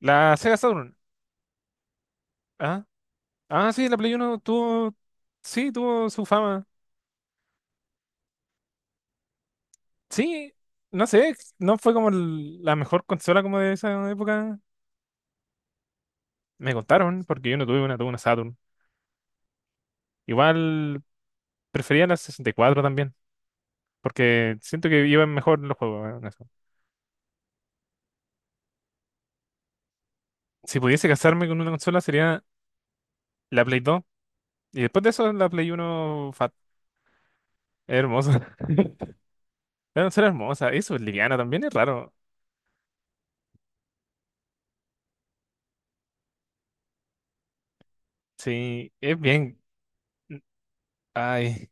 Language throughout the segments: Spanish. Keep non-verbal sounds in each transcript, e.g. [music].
La Sega Saturn. Ah, ah, sí, la Play Uno tuvo, sí, tuvo su fama. Sí, no sé, no fue como la mejor consola como de esa época. Me contaron, porque yo no tuve una, tuve una Saturn. Igual prefería la 64 también, porque siento que iban mejor los juegos, en eso. Si pudiese casarme con una consola sería la Play 2. Y después de eso la Play Uno fat. Es hermosa. [laughs] La consola es hermosa. Eso es liviana también, es raro. Sí, es bien. Ay.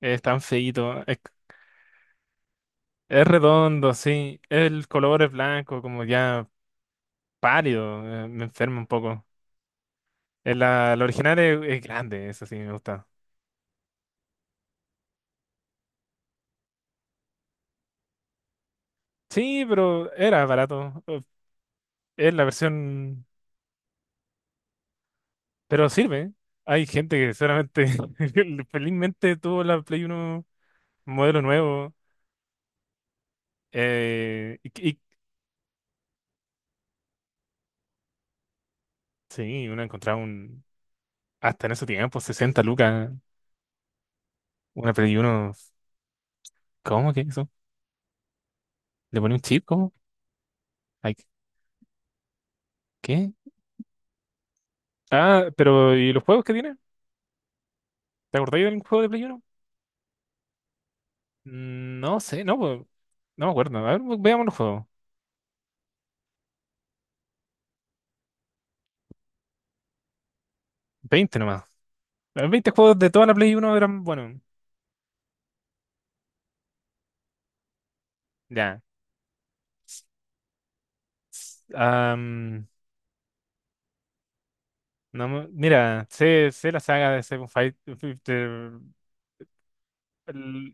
Es tan feíto. Es redondo, sí. El color es blanco, como ya pálido, me enferma un poco. El, la original es grande, eso sí me gusta. Sí, pero era barato. Es la versión. Pero sirve. Hay gente que solamente [laughs] felizmente tuvo la Play uno modelo nuevo. eh, y, y- sí, uno encontraba un. Hasta en ese tiempo, 60 lucas. Una Play 1. ¿Cómo que eso? ¿Le pone un chip? ¿Cómo? Ay, ¿qué? Ah, pero ¿y los juegos que tiene? ¿Te acordáis del juego de Play uno? No sé, no, pues, no me acuerdo. A ver, veamos los juegos. 20 nomás. Los 20 juegos de toda la Play uno eran, bueno, ya. Am, no me- Mira, sé la saga de Seven Fight. El-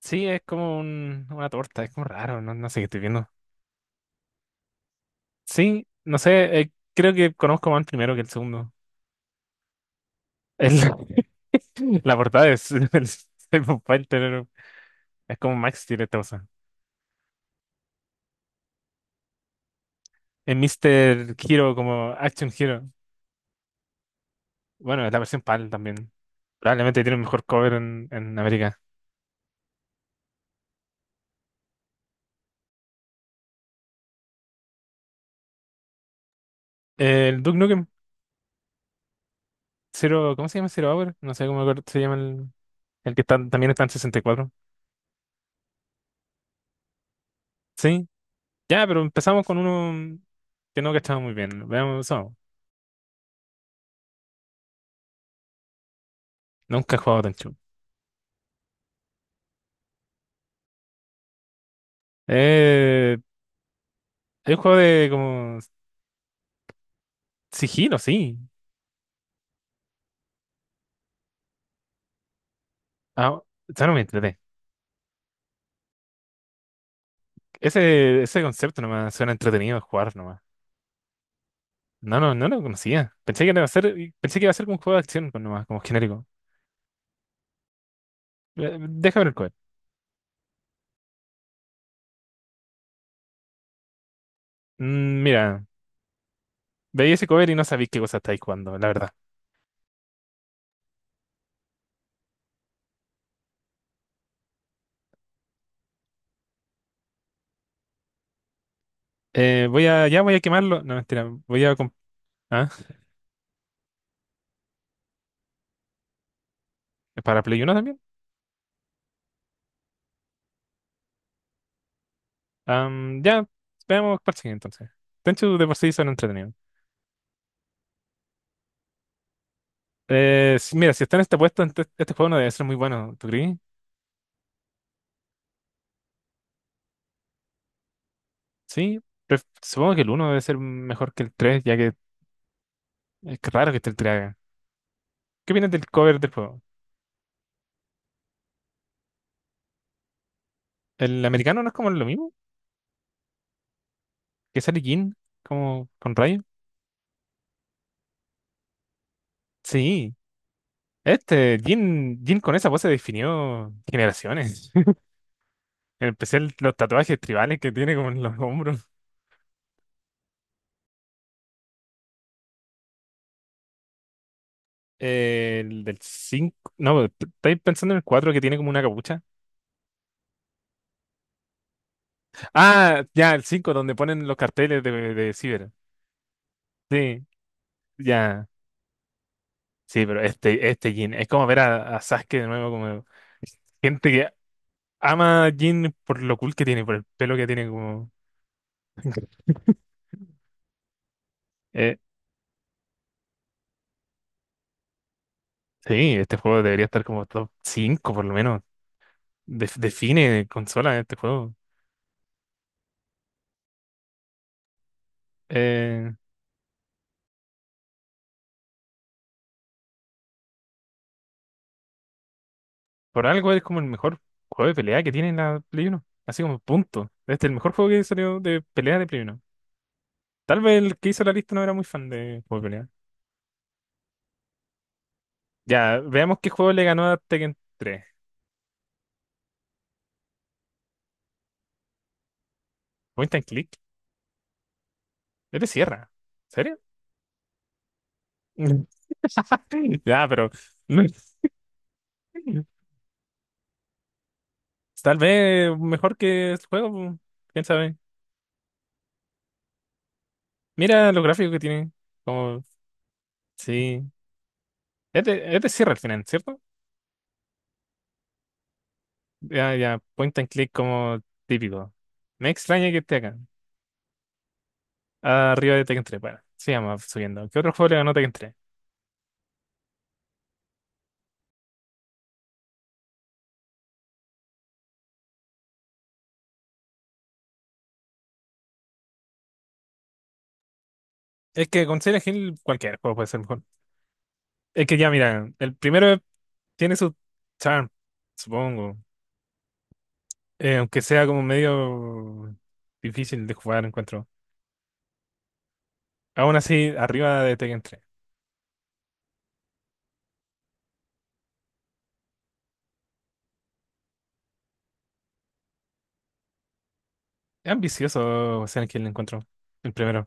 sí, es como una torta, es como raro, no, no sé qué estoy viendo. Sí, no sé, creo que conozco más el primero que el segundo. El- [laughs] la portada es [laughs] el Seven Fighter, es como Max tiene esta cosa. El Mr. Hero, como Action Hero. Bueno, es la versión PAL también. Probablemente tiene un mejor cover en América. El Duke Nukem Zero, ¿cómo se llama? Zero Hour. No sé cómo se llama el que está, también está en 64. Sí, ya, pero empezamos con uno que no estaba muy bien. Veamos, eso. Nunca he jugado Tenchu. Eh, es un juego de como sigilo, sí. Ah, ya no me entreté. Ese concepto nomás suena entretenido de jugar nomás. No, no, no lo conocía. Pensé que iba a ser, pensé que iba a ser como un juego de acción pues, nomás, como genérico. Déjame ver el cover. Mira, veía ese cover y no sabía qué cosa estáis jugando, la verdad. Ya voy a quemarlo. No, mentira, voy a... ¿Ah? ¿Para Play uno también? Ya, veamos cuál sigue entonces. Tenchu de por sí son entretenidos. Sí, mira, si está en esta puesta, este juego no debe ser muy bueno, ¿tú crees? Sí, supongo que el uno debe ser mejor que el 3, ya que es que raro que esté el tres acá. ¿Qué opinas del cover del juego? ¿El americano no es como lo mismo? ¿Que sale Jin? ¿Como con rayo? Sí. Este, Jin, Jin con esa pose definió generaciones. [laughs] En especial los tatuajes tribales que tiene como en los hombros. El del cinco. No, estáis pensando en el 4 que tiene como una capucha. Ah, ya, el 5 donde ponen los carteles de Ciber. Sí, ya. Sí, pero este Jin. Es como ver a Sasuke de nuevo, como gente que ama a Jin por lo cool que tiene, por el pelo que tiene, como. [laughs] Eh, sí, este juego debería estar como top 5 por lo menos. Define consola este juego. Eh, por algo es como el mejor juego de pelea que tiene la Play Uno. Así como punto. Este es el mejor juego que salió de pelea de Play Uno. Tal vez el que hizo la lista no era muy fan de juego de pelea. Ya, veamos qué juego le ganó a Tekken 3. Point and click. Este cierra. ¿Serio? [laughs] Ya, pero no- es- tal vez mejor que el juego, quién sabe. Mira los gráficos que tiene. Como, sí. Este cierra al final, ¿cierto? Ya, ya, point and click como típico. Me extraña que esté acá. Arriba de Tekken 3, bueno, sigamos subiendo. ¿Qué otro juego le ganó Tekken 3? Es que con Silent Hill cualquier juego puede ser mejor. Es que ya, mira, el primero tiene su charm, supongo. Aunque sea como medio difícil de jugar, encuentro. Aún así, arriba de Tekken 3. Es ambicioso Silent Hill, encuentro. El primero.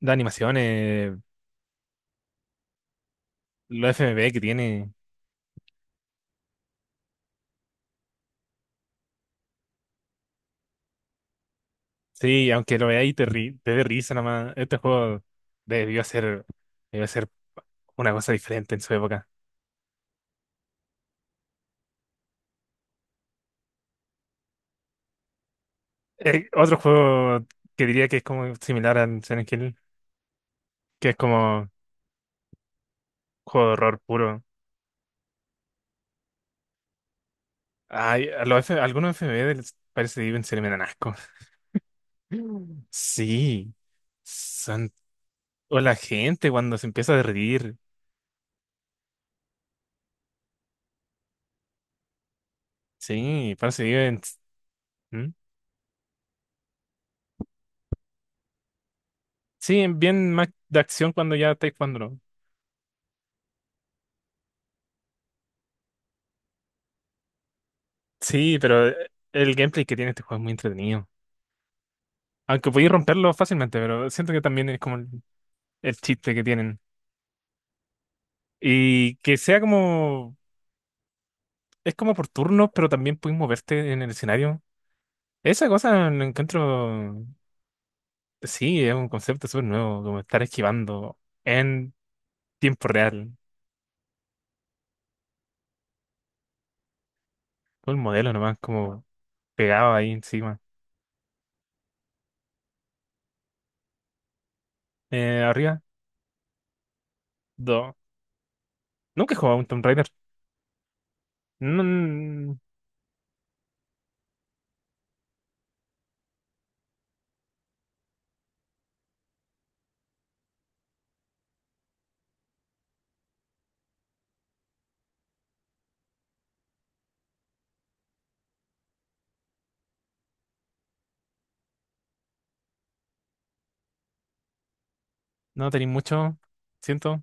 Las animaciones, los FMV que tiene. Sí, aunque lo veáis y te, te dé risa nomás, este juego debió ser, debió ser una cosa diferente en su época. Otro juego que diría que es como similar a Silent Hill, que es como juego de horror puro. Ay, algunos FMV les parece que viven se le me dan asco. Mm. Sí, son... O la gente cuando se empieza a reír. Sí, parece que viven... ¿Mm? Sí, bien más de acción cuando ya estáis jugando. Sí, pero el gameplay que tiene este juego es muy entretenido. Aunque podéis romperlo fácilmente, pero siento que también es como el chiste que tienen. Y que sea como... Es como por turnos, pero también puedes moverte en el escenario. Esa cosa lo encuentro... Sí, es un concepto súper nuevo, como estar esquivando en tiempo real. Todo el modelo nomás, como pegado ahí encima. Arriba, dos. Nunca he jugado a un Tomb Raider. No, no tenéis mucho, siento.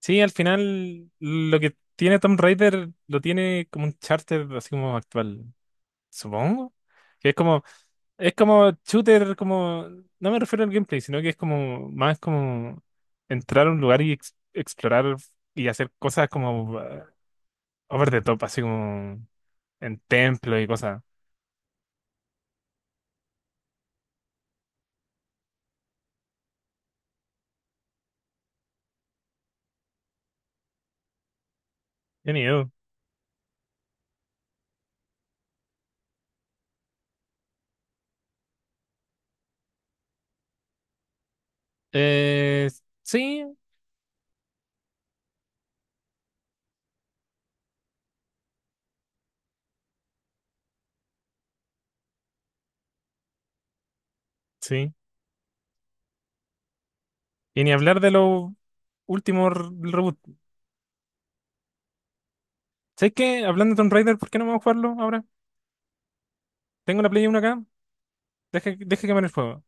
Sí, al final lo que tiene Tomb Raider lo tiene como un charter así como actual, supongo. Que es como shooter, como, no me refiero al gameplay, sino que es como, más como entrar a un lugar y explorar y hacer cosas como over the top, así como en templo y cosas. Qué miedo. Eh, sí, sí. Y ni hablar de los últimos reboot. ¿Sabes qué? Hablando de Tomb Raider, ¿por qué no vamos a jugarlo ahora? Tengo la Play 1 acá. Deje, deje quemar el fuego.